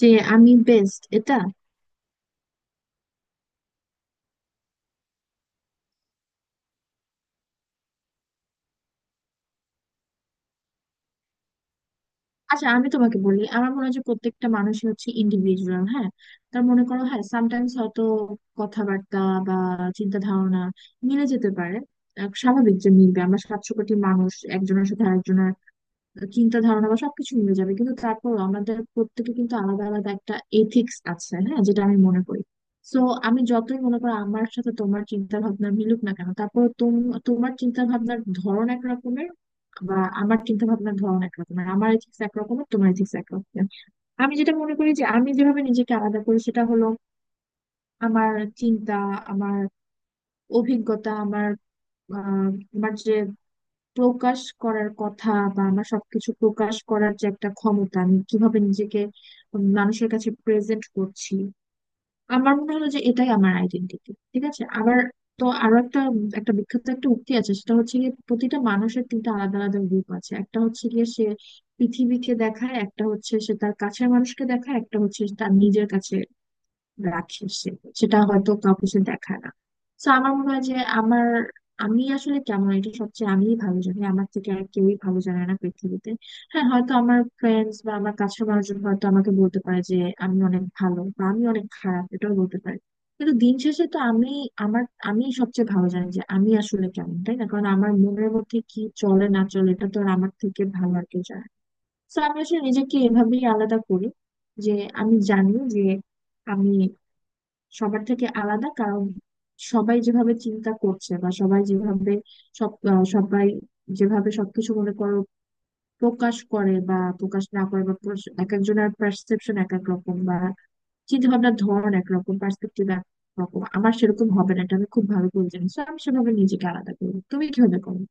যে আমি বেস্ট এটা। আচ্ছা, আমি তোমাকে বলি, আমার মনে হয় যে প্রত্যেকটা মানুষই হচ্ছে ইন্ডিভিজুয়াল। হ্যাঁ, তার মনে করো, হ্যাঁ, সামটাইমস হয়তো কথাবার্তা বা চিন্তা ধারণা মিলে যেতে পারে। স্বাভাবিক যে মিলবে, আমরা 700 কোটি মানুষ, একজনের সাথে আরেকজনের চিন্তা ধারণা বা সবকিছু মিলে যাবে, কিন্তু তারপর আমাদের প্রত্যেকে কিন্তু আলাদা আলাদা একটা এথিক্স আছে, হ্যাঁ, যেটা আমি মনে করি। সো, আমি যতই মনে করি আমার সাথে তোমার চিন্তা ভাবনা মিলুক না কেন, তারপর তোমার চিন্তা ভাবনার ধরন এক রকমের বা আমার চিন্তা ভাবনার ধরন এক রকমের, আমার এথিক্স এক রকমের, তোমার এথিক্স এক রকমের। আমি যেটা মনে করি যে আমি যেভাবে নিজেকে আলাদা করি সেটা হলো আমার চিন্তা, আমার অভিজ্ঞতা, আমার আহ, আমার যে প্রকাশ করার কথা বা আমার সবকিছু প্রকাশ করার যে একটা ক্ষমতা, আমি কিভাবে নিজেকে মানুষের কাছে প্রেজেন্ট করছি। আমার মনে হলো যে এটাই আমার আইডেন্টিটি, ঠিক আছে? আবার তো আরো একটা একটা বিখ্যাত একটা উক্তি আছে, সেটা হচ্ছে গিয়ে প্রতিটা মানুষের তিনটা আলাদা আলাদা রূপ আছে। একটা হচ্ছে গিয়ে সে পৃথিবীকে দেখায়, একটা হচ্ছে সে তার কাছের মানুষকে দেখায়, একটা হচ্ছে তার নিজের কাছে রাখে সে, সেটা হয়তো কাউকে সে দেখায় না। তো আমার মনে হয় যে আমার, আমি আসলে কেমন, এটা সবচেয়ে আমিই ভালো জানি, আমার থেকে আর কেউই ভালো জানে না পৃথিবীতে। হ্যাঁ, হয়তো আমার ফ্রেন্ডস বা আমার কাছের মানুষজন হয়তো আমাকে বলতে পারে যে আমি অনেক ভালো, বা আমি অনেক খারাপ এটাও বলতে পারে, কিন্তু দিন শেষে তো আমি, আমার, আমি সবচেয়ে ভালো জানি যে আমি আসলে কেমন। তাই না? কারণ আমার মনের মধ্যে কি চলে না চলে, এটা তো আর আমার থেকে ভালো আর কেউ জানে না। তো আমি আসলে নিজেকে এভাবেই আলাদা করি যে আমি জানি যে আমি সবার থেকে আলাদা, কারণ সবাই যেভাবে চিন্তা করছে বা সবাই যেভাবে সবাই যেভাবে সবকিছু মনে করো প্রকাশ করে বা প্রকাশ না করে বা এক একজনের পারসেপশন এক এক রকম বা চিন্তা ভাবনার ধরন একরকম, পার্সপেক্টিভ একরকম, আমার সেরকম হবে না, এটা আমি খুব ভালো করে জানি। So, আমি সেভাবে নিজেকে আলাদা করি। তুমি কিভাবে করো?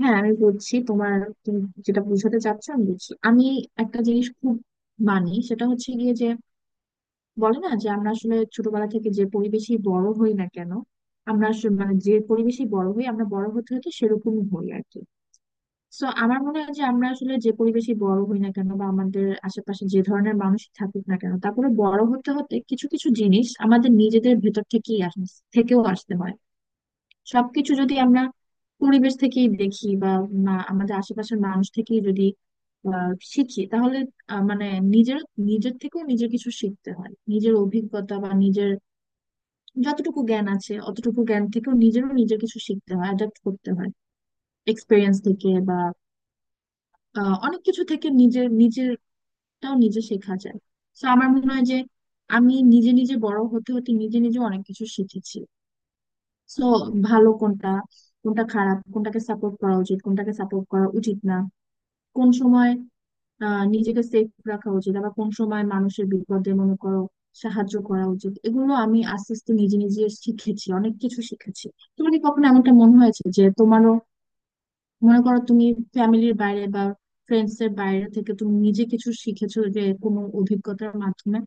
হ্যাঁ, আমি বলছি, তোমার, তুমি যেটা বোঝাতে চাচ্ছ আমি বুঝছি। আমি একটা জিনিস খুব মানি, সেটা হচ্ছে গিয়ে যে, বলে না যে আমরা আসলে ছোটবেলা থেকে যে পরিবেশে বড় হই না কেন, আমরা আসলে মানে যে পরিবেশে বড় হই আমরা বড় হতে হতে সেরকম হই আর কি। তো আমার মনে হয় যে আমরা আসলে যে পরিবেশে বড় হই না কেন বা আমাদের আশেপাশে যে ধরনের মানুষ থাকুক না কেন, তারপরে বড় হতে হতে কিছু কিছু জিনিস আমাদের নিজেদের ভেতর থেকেই থেকেও আসতে হয়। সবকিছু যদি আমরা পরিবেশ থেকেই দেখি বা আমাদের আশেপাশের মানুষ থেকেই যদি শিখি, তাহলে মানে নিজের, নিজের থেকেও নিজের কিছু শিখতে হয়, নিজের অভিজ্ঞতা বা নিজের যতটুকু জ্ঞান আছে অতটুকু জ্ঞান থেকেও নিজেরও নিজের কিছু শিখতে হয়, অ্যাডাপ্ট করতে হয় এক্সপিরিয়েন্স থেকে বা অনেক কিছু থেকে, নিজের নিজেরটাও নিজে শেখা যায়। তো আমার মনে হয় যে আমি নিজে নিজে বড় হতে হতে নিজে নিজে অনেক কিছু শিখেছি। সো, ভালো কোনটা, কোনটা খারাপ, কোনটাকে সাপোর্ট করা উচিত, কোনটাকে সাপোর্ট করা উচিত না, কোন সময় নিজেকে সেফ রাখা উচিত, আবার কোন সময় মানুষের বিপদে মনে করো সাহায্য করা উচিত, এগুলো আমি আস্তে আস্তে নিজে নিজে শিখেছি, অনেক কিছু শিখেছি। তোমার কি কখনো এমনটা মনে হয়েছে যে তোমারও, মনে করো, তুমি ফ্যামিলির বাইরে বা ফ্রেন্ডস এর বাইরে থেকে তুমি নিজে কিছু শিখেছো যে কোনো অভিজ্ঞতার মাধ্যমে?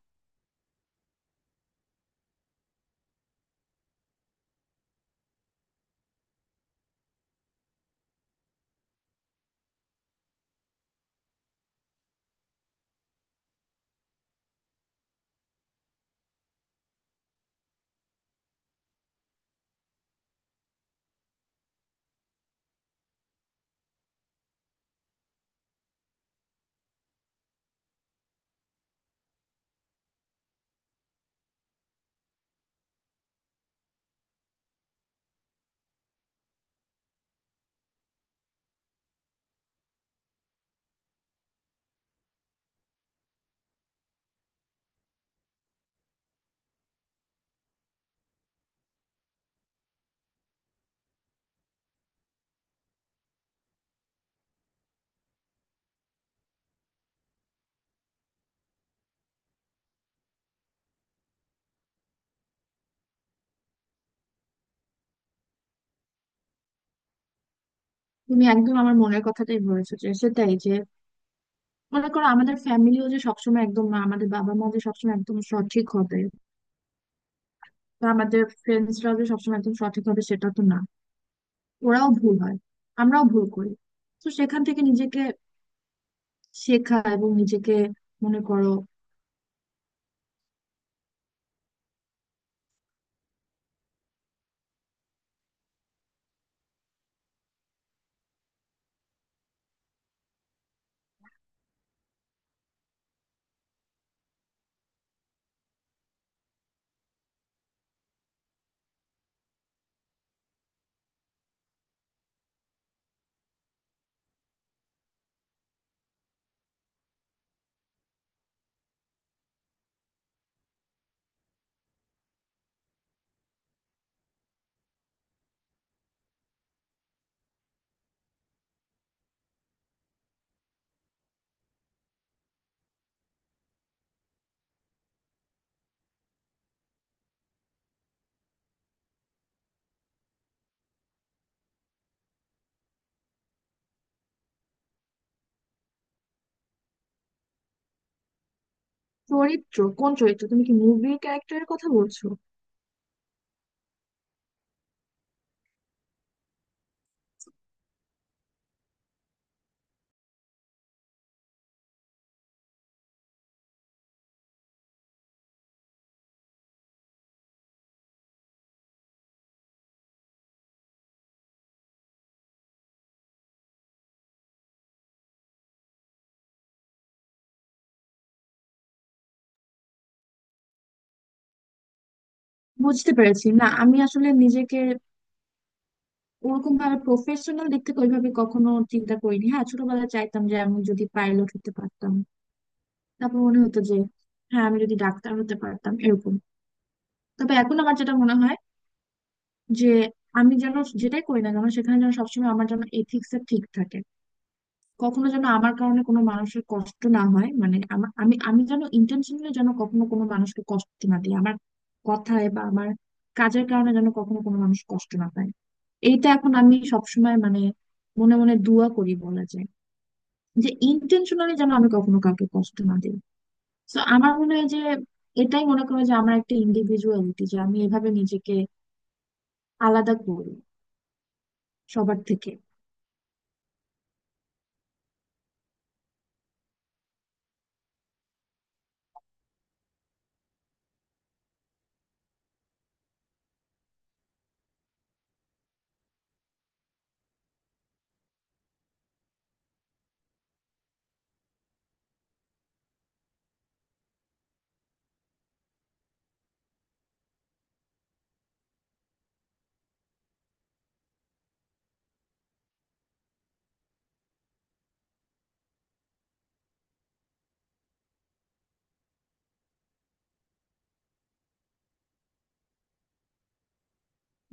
তুমি একদম আমার মনের কথাটাই বলেছো, যে সেটাই, যে মনে করো আমাদের ফ্যামিলিও যে সবসময় একদম না, আমাদের বাবা মা যে সবসময় একদম সঠিক হবে বা আমাদের ফ্রেন্ডসরা যে সবসময় একদম সঠিক হবে সেটা তো না, ওরাও ভুল হয়, আমরাও ভুল করি। তো সেখান থেকে নিজেকে শেখা এবং নিজেকে মনে করো। চরিত্র? কোন চরিত্র? তুমি কি মুভি ক্যারেক্টারের কথা বলছো? বুঝতে পেরেছি না, আমি আসলে নিজেকে ওরকম ভাবে প্রফেশনাল দিক থেকে ওইভাবে কখনো চিন্তা করিনি। হ্যাঁ, ছোটবেলায় চাইতাম যে আমি যদি পাইলট হতে পারতাম, তারপর মনে হতো যে হ্যাঁ আমি যদি ডাক্তার হতে পারতাম, এরকম। তবে এখন আমার যেটা মনে হয় যে আমি যেন, যেটাই করি না কেন সেখানে যেন সবসময় আমার যেন এথিক্স ঠিক থাকে, কখনো যেন আমার কারণে কোনো মানুষের কষ্ট না হয়, মানে আমা- আমি আমি যেন ইন্টেনশনালি যেন কখনো কোনো মানুষকে কষ্ট না দিই, আমার কথায় বা আমার কাজের কারণে যেন কখনো কোনো মানুষ কষ্ট না পায়। এইটা এখন আমি সবসময় মানে মনে মনে দোয়া করি বলা যায়, যে ইন্টেনশনালি যেন আমি কখনো কাউকে কষ্ট না দিই। তো আমার মনে হয় যে এটাই মনে করে যে আমার একটা ইন্ডিভিজুয়ালিটি, যে আমি এভাবে নিজেকে আলাদা করি সবার থেকে।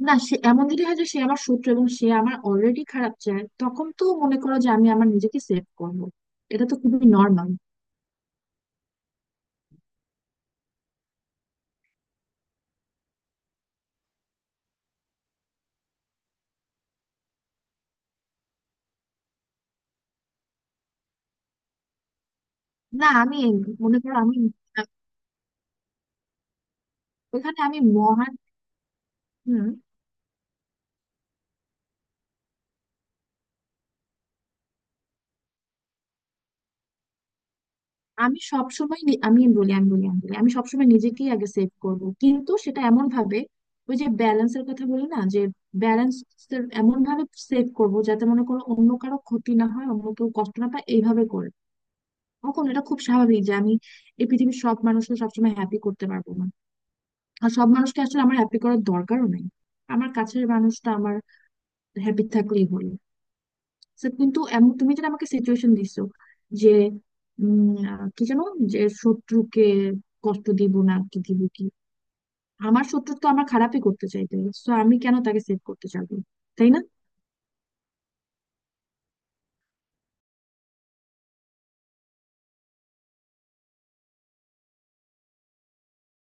না, সে এমন যদি হয় যে সে আমার শত্রু এবং সে আমার অলরেডি খারাপ চায়, তখন তো মনে করো যে আমি আমার নিজেকে সেভ করবো, এটা তো খুবই নর্মাল। না, আমি মনে করো আমি, ওখানে আমি মহান। হুম, আমি বলি, আমি সবসময় নিজেকেই আগে সেভ করবো, কিন্তু সেটা এমন ভাবে, ওই যে ব্যালেন্সের কথা বলি না, যে ব্যালেন্স, এমন ভাবে সেভ করবো যাতে মনে করো অন্য কারো ক্ষতি না হয়, অন্য কেউ কষ্ট না পায়, এইভাবে করবো। কখনো, এটা খুব স্বাভাবিক যে আমি এই পৃথিবীর সব মানুষকে সবসময় হ্যাপি করতে পারবো না, আর সব মানুষকে আসলে আমার হ্যাপি করার দরকারও নাই, আমার কাছের মানুষটা আমার হ্যাপি থাকলেই হলো। So, কিন্তু এমন তুমি যেটা আমাকে সিচুয়েশন দিছো, যে কি জানো, যে শত্রুকে কষ্ট দিব না কি দিব কি, আমার শত্রু তো আমার খারাপই করতে চাইবে, তো আমি কেন তাকে সেভ করতে চাইবো, তাই না?